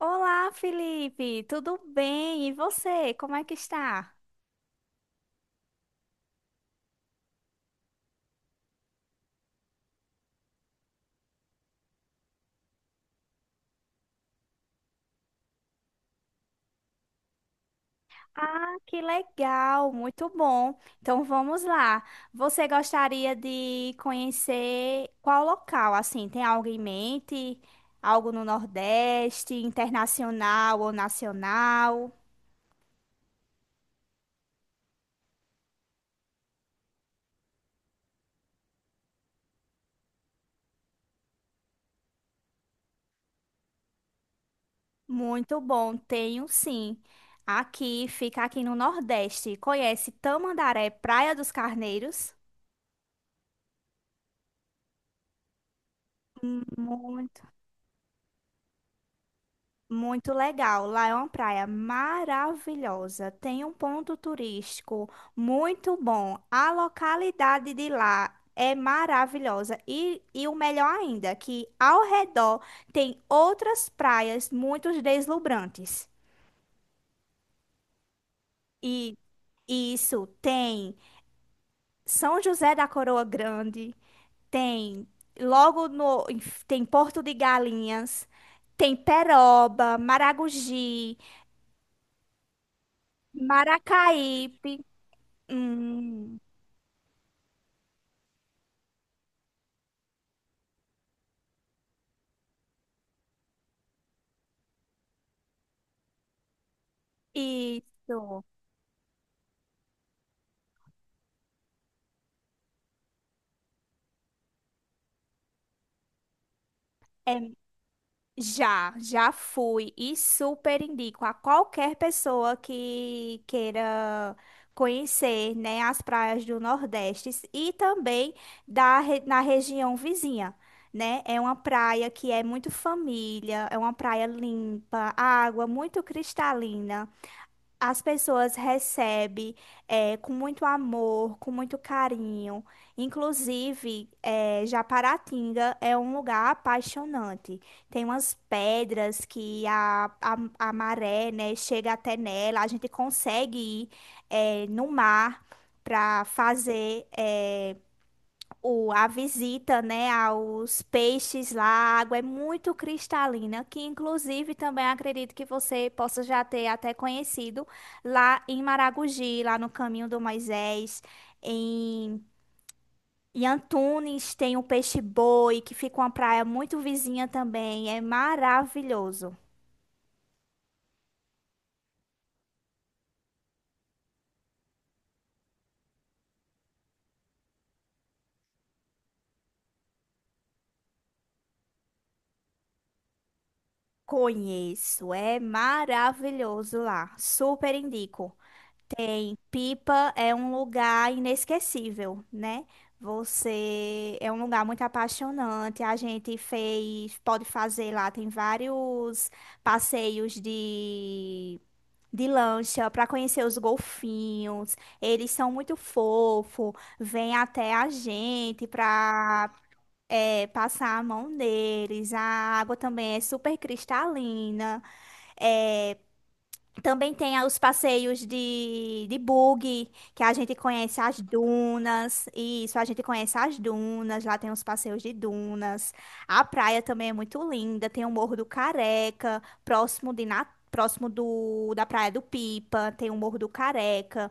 Olá, Felipe, tudo bem? E você, como é que está? Ah, que legal, muito bom. Então vamos lá. Você gostaria de conhecer qual local? Assim, tem algo em mente? Algo no Nordeste, internacional ou nacional? Muito bom, tenho sim. Aqui, fica aqui no Nordeste. Conhece Tamandaré, Praia dos Carneiros? Muito Muito legal. Lá é uma praia maravilhosa. Tem um ponto turístico muito bom. A localidade de lá é maravilhosa. E o melhor ainda, que ao redor tem outras praias muito deslumbrantes. E isso tem São José da Coroa Grande, tem logo no, tem Porto de Galinhas, tem Peroba, Maragogi, Maracaípe. Hum, isso. É, já fui e super indico a qualquer pessoa que queira conhecer, né, as praias do Nordeste e também re- na região vizinha, né? É uma praia que é muito família, é uma praia limpa, água muito cristalina. As pessoas recebem, com muito amor, com muito carinho. Inclusive, Japaratinga é um lugar apaixonante. Tem umas pedras que a maré, né, chega até nela. A gente consegue ir, no mar para fazer a visita, né, aos peixes lá. A água é muito cristalina, que inclusive também acredito que você possa já ter até conhecido lá em Maragogi, lá no Caminho do Moisés, em, em Antunes tem o peixe-boi, que fica uma praia muito vizinha também, é maravilhoso. Conheço, é maravilhoso lá, super indico. Em Pipa é um lugar inesquecível, né? Você é um lugar muito apaixonante. A gente fez, pode fazer lá, tem vários passeios de lancha para conhecer os golfinhos. Eles são muito fofos, vêm até a gente para passar a mão deles. A água também é super cristalina. É, também tem a- os passeios de buggy, que a gente conhece as dunas. Isso, a gente conhece as dunas. Lá tem os passeios de dunas. A praia também é muito linda. Tem o Morro do Careca, próximo de Na- próximo do, da Praia do Pipa. Tem o Morro do Careca.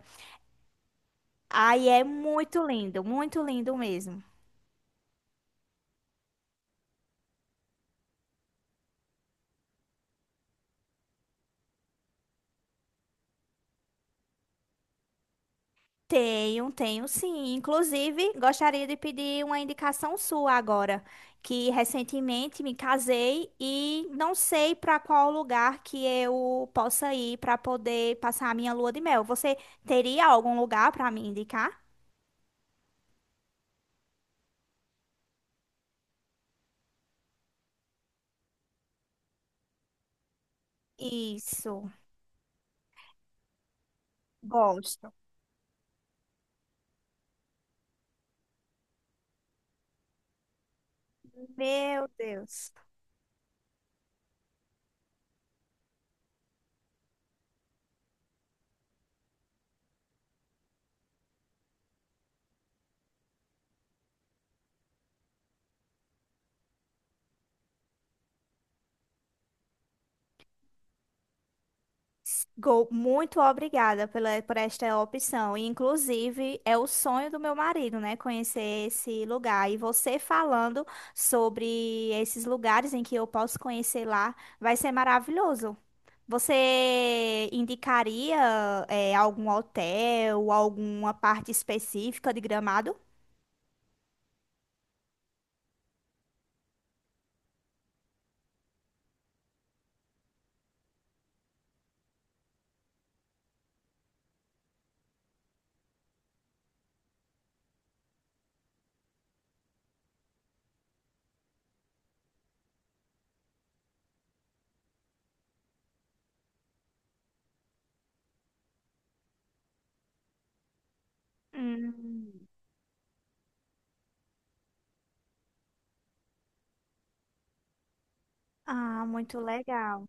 Aí é muito lindo mesmo. Tenho, tenho sim. Inclusive, gostaria de pedir uma indicação sua agora, que recentemente me casei e não sei para qual lugar que eu possa ir para poder passar a minha lua de mel. Você teria algum lugar para me indicar? Isso, gosto. Meu Deus. Muito obrigada pela, por esta opção. E, inclusive, é o sonho do meu marido, né? Conhecer esse lugar. E você falando sobre esses lugares em que eu posso conhecer lá, vai ser maravilhoso. Você indicaria, algum hotel, alguma parte específica de Gramado? Hum. Ah, muito legal.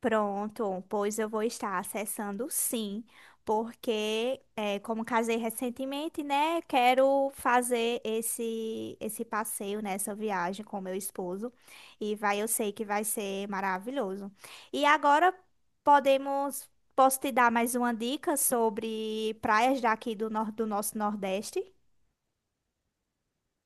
Pronto, pois eu vou estar acessando sim, porque é, como casei recentemente, né, quero fazer esse passeio, né, essa viagem com meu esposo e vai, eu sei que vai ser maravilhoso. E agora podemos, posso te dar mais uma dica sobre praias daqui do, nor do nosso Nordeste?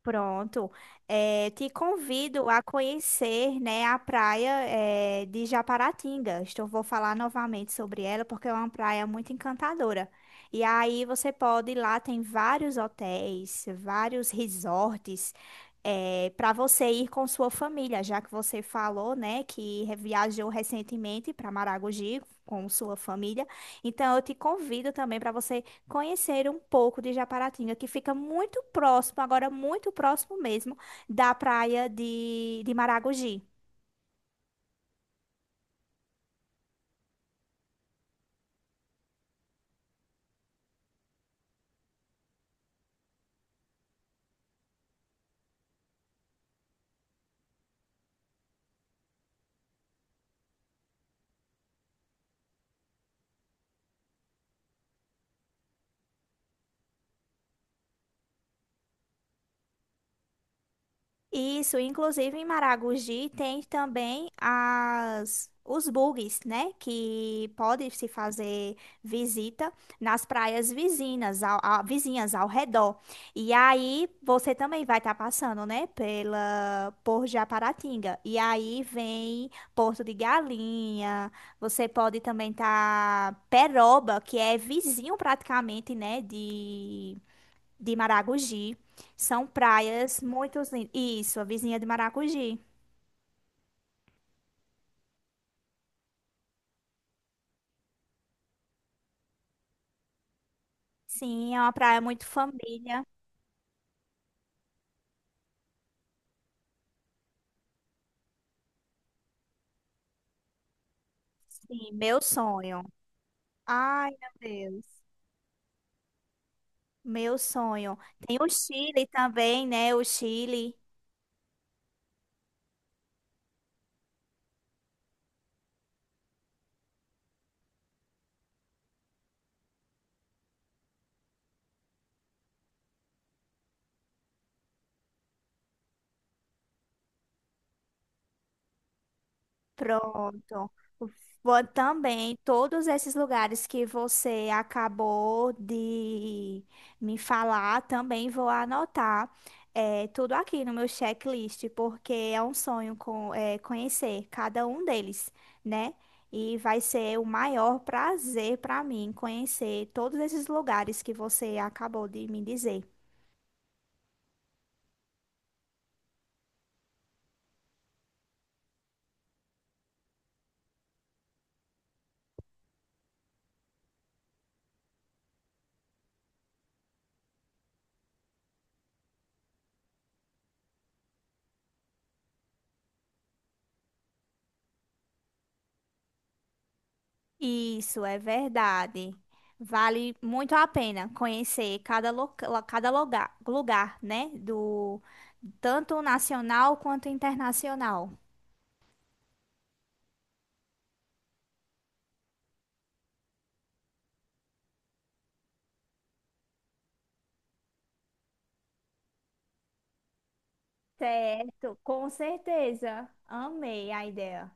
Pronto. Te convido a conhecer, né, a praia, de Japaratinga. Estou, vou falar novamente sobre ela porque é uma praia muito encantadora. E aí você pode ir lá, tem vários hotéis, vários resorts, para você ir com sua família, já que você falou, né, que re- viajou recentemente para Maragogi com sua família. Então eu te convido também para você conhecer um pouco de Japaratinga, que fica muito próximo, agora muito próximo mesmo, da praia de Maragogi. Isso, inclusive em Maragogi tem também as os bugs, né? Que pode se fazer visita nas praias vizinhas, ao, a- vizinhas ao redor. E aí você também vai estar passando, né? Pela por Japaratinga. E aí vem Porto de Galinha. Você pode também estar Peroba, que é vizinho praticamente, né? De Maragogi. São praias muito lindas. Isso, a vizinha de Maragogi. Sim, é uma praia muito família. Sim, meu sonho. Ai, meu Deus. Meu sonho. Tem o Chile também, né? O Chile. Pronto. Vou também, todos esses lugares que você acabou de me falar, também vou anotar, tudo aqui no meu checklist, porque é um sonho conhecer cada um deles, né? E vai ser o maior prazer para mim conhecer todos esses lugares que você acabou de me dizer. Isso é verdade. Vale muito a pena conhecer cada, loca- cada lugar, lugar, né? Do tanto nacional quanto internacional. Certo, com certeza. Amei a ideia.